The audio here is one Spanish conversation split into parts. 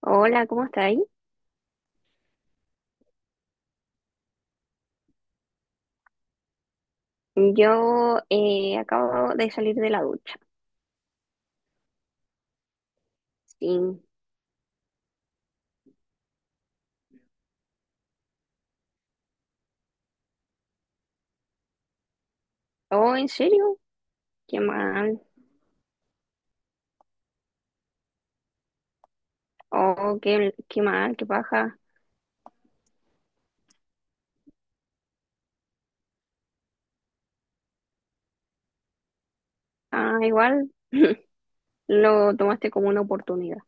Hola, ¿cómo estáis? Yo acabo de salir de la ducha. Sí. Oh, ¿en serio? Qué mal. Oh, qué mal, qué paja. Ah, igual lo tomaste como una oportunidad.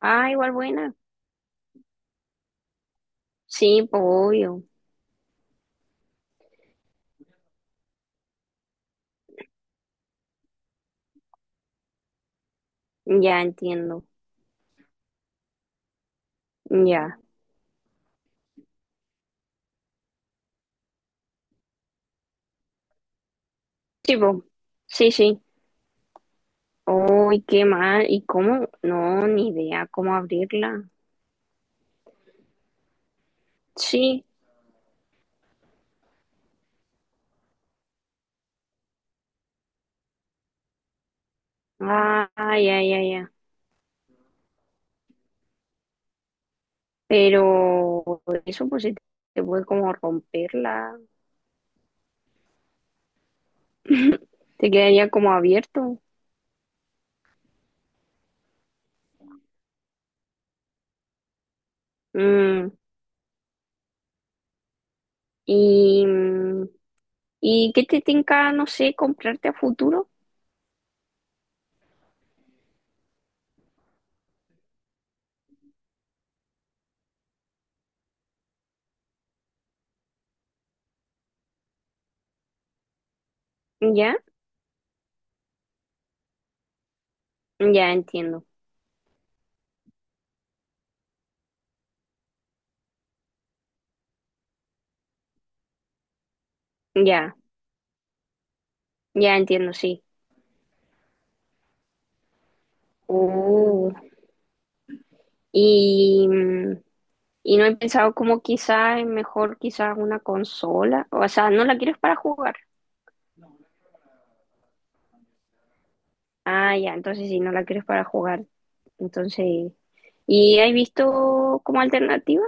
Ah, igual buena. Sí, pues obvio. Ya entiendo. Ya. Sí, po. Sí, sí. Oh, qué mal. ¿Y cómo? No, ni idea cómo abrirla. Sí. Ah, ya, ya, ya. Pero eso pues se te puede como romperla. Te quedaría como abierto. Mm, y, mm, ¿Y qué te tinca, no sé, comprarte a futuro? ¿Ya? Ya entiendo. Ya, ya entiendo, sí. Uh, y, mm, y no he pensado como quizás es mejor quizás una consola. O sea, no la quieres para jugar. Ah, ya, entonces sí, no la quieres para jugar. Entonces, ¿y has visto como alternativa?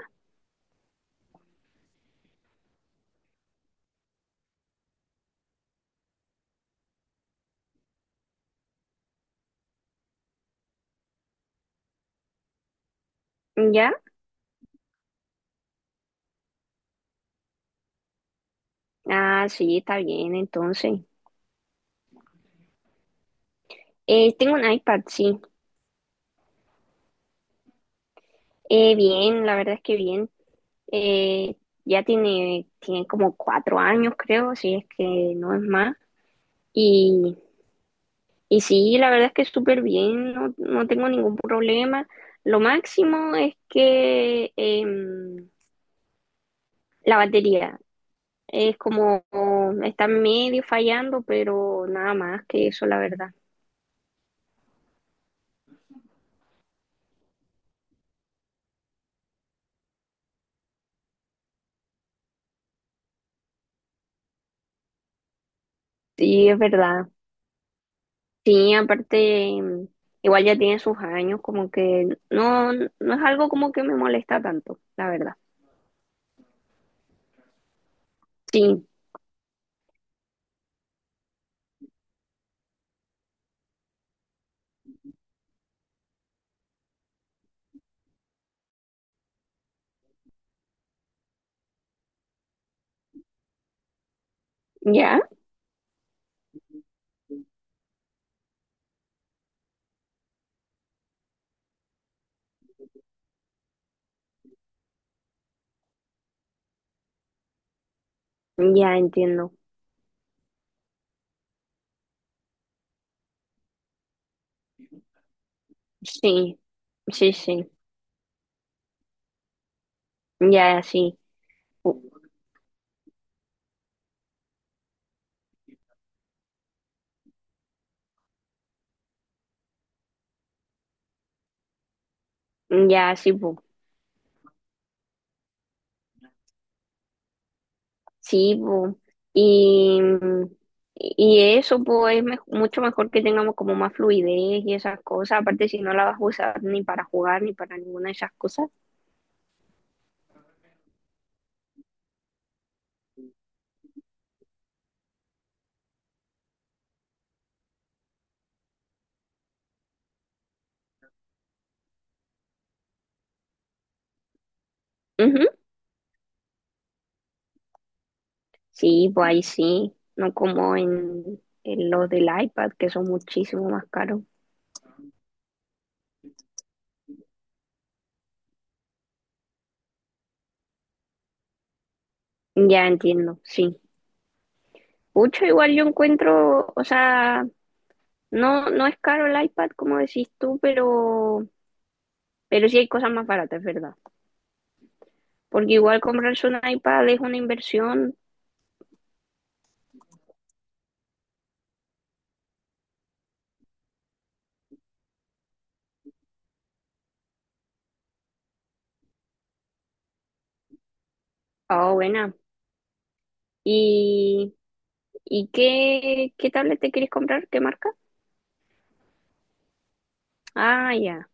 ¿Ya? Ah, sí, está bien, entonces. Tengo un iPad, sí. Bien, la verdad es que bien. Eh, ya tiene como cuatro años, creo, si es que no es más. Y, y sí, la verdad es que súper bien, no, no tengo ningún problema. Lo máximo es que la batería es como, está medio fallando, pero nada más que eso, la verdad. Sí, es verdad. Sí, aparte, em, igual ya tiene sus años, como que no, no es algo como que me molesta tanto, la verdad. Sí, ya, ya entiendo. Sí, sí, sí, ya sí, pu- ya sí, pu. Sí, pu. Y, y eso pues es mucho mejor que tengamos como más fluidez y esas cosas, aparte si no la vas a usar ni para jugar ni para ninguna de esas cosas. Ujú. Sí, pues ahí sí, no como en los del iPad que son muchísimo más caros. Ya entiendo, sí. Mucho igual yo encuentro, o sea… No, no es caro el iPad, como decís tú, pero sí hay cosas más baratas, es verdad. Porque igual comprarse un iPad es una inversión, ah, buena. ¿Y, ¿y qué tablet te quieres comprar? ¿Qué marca? Ah, ya,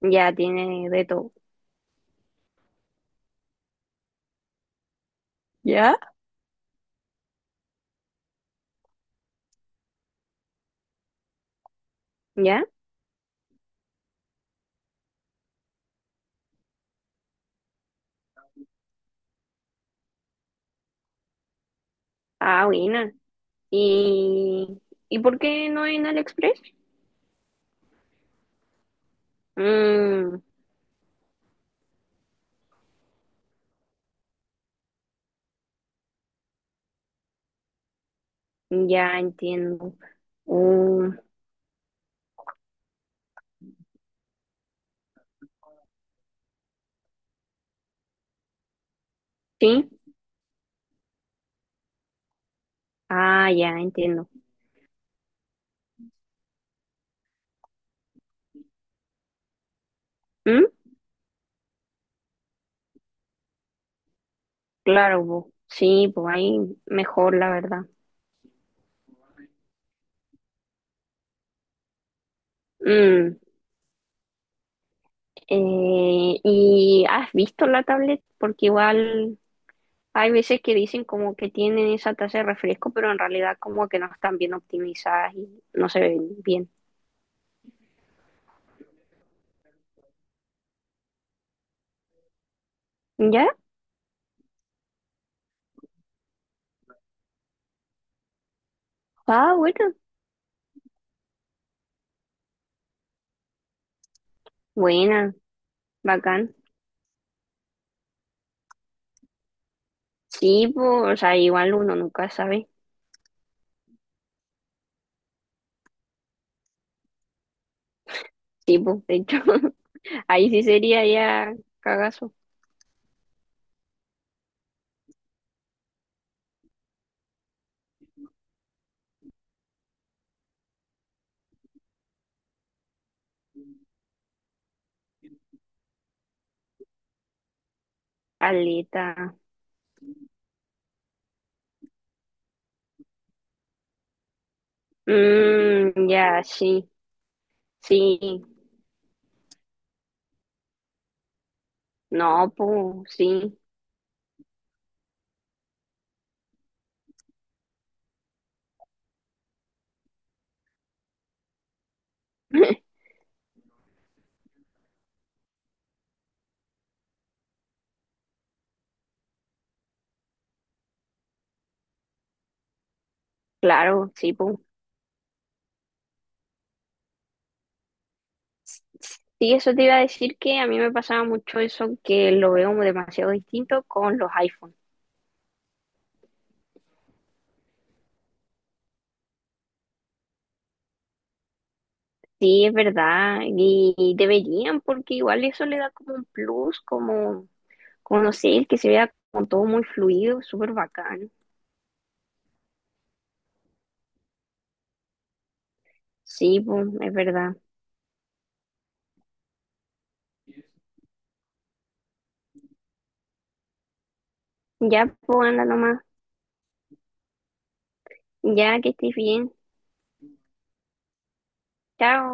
ya tiene de todo. ¿Ya? ¿Ya? Ah, buena. ¿Y, ¿y por qué no en AliExpress? Mm, ya entiendo. Mm, sí, ah, ya entiendo. ¿Mm? Claro, po. Sí, pues ahí mejor, la verdad. Mm, ¿Y has visto la tablet? Porque igual hay veces que dicen como que tienen esa tasa de refresco, pero en realidad como que no están bien optimizadas y no se ven bien. ¿Ya? Ah, bueno. Buena, bacán. Sí, pues, o sea, igual uno nunca sabe. Sí, pues, de hecho, ahí sí sería ya cagazo. Aleta. Mm, ya, sí, sí. No, pues, sí. Claro, sí, pues. Sí, eso te iba a decir que a mí me pasaba mucho eso, que lo veo demasiado distinto con los iPhones. Sí, es verdad, y deberían, porque igual eso le da como un plus, como, como no sé, que se vea como todo muy fluido, súper bacán. Sí, pues, es verdad. Ya, pues, anda nomás, ya que estés bien. Chao.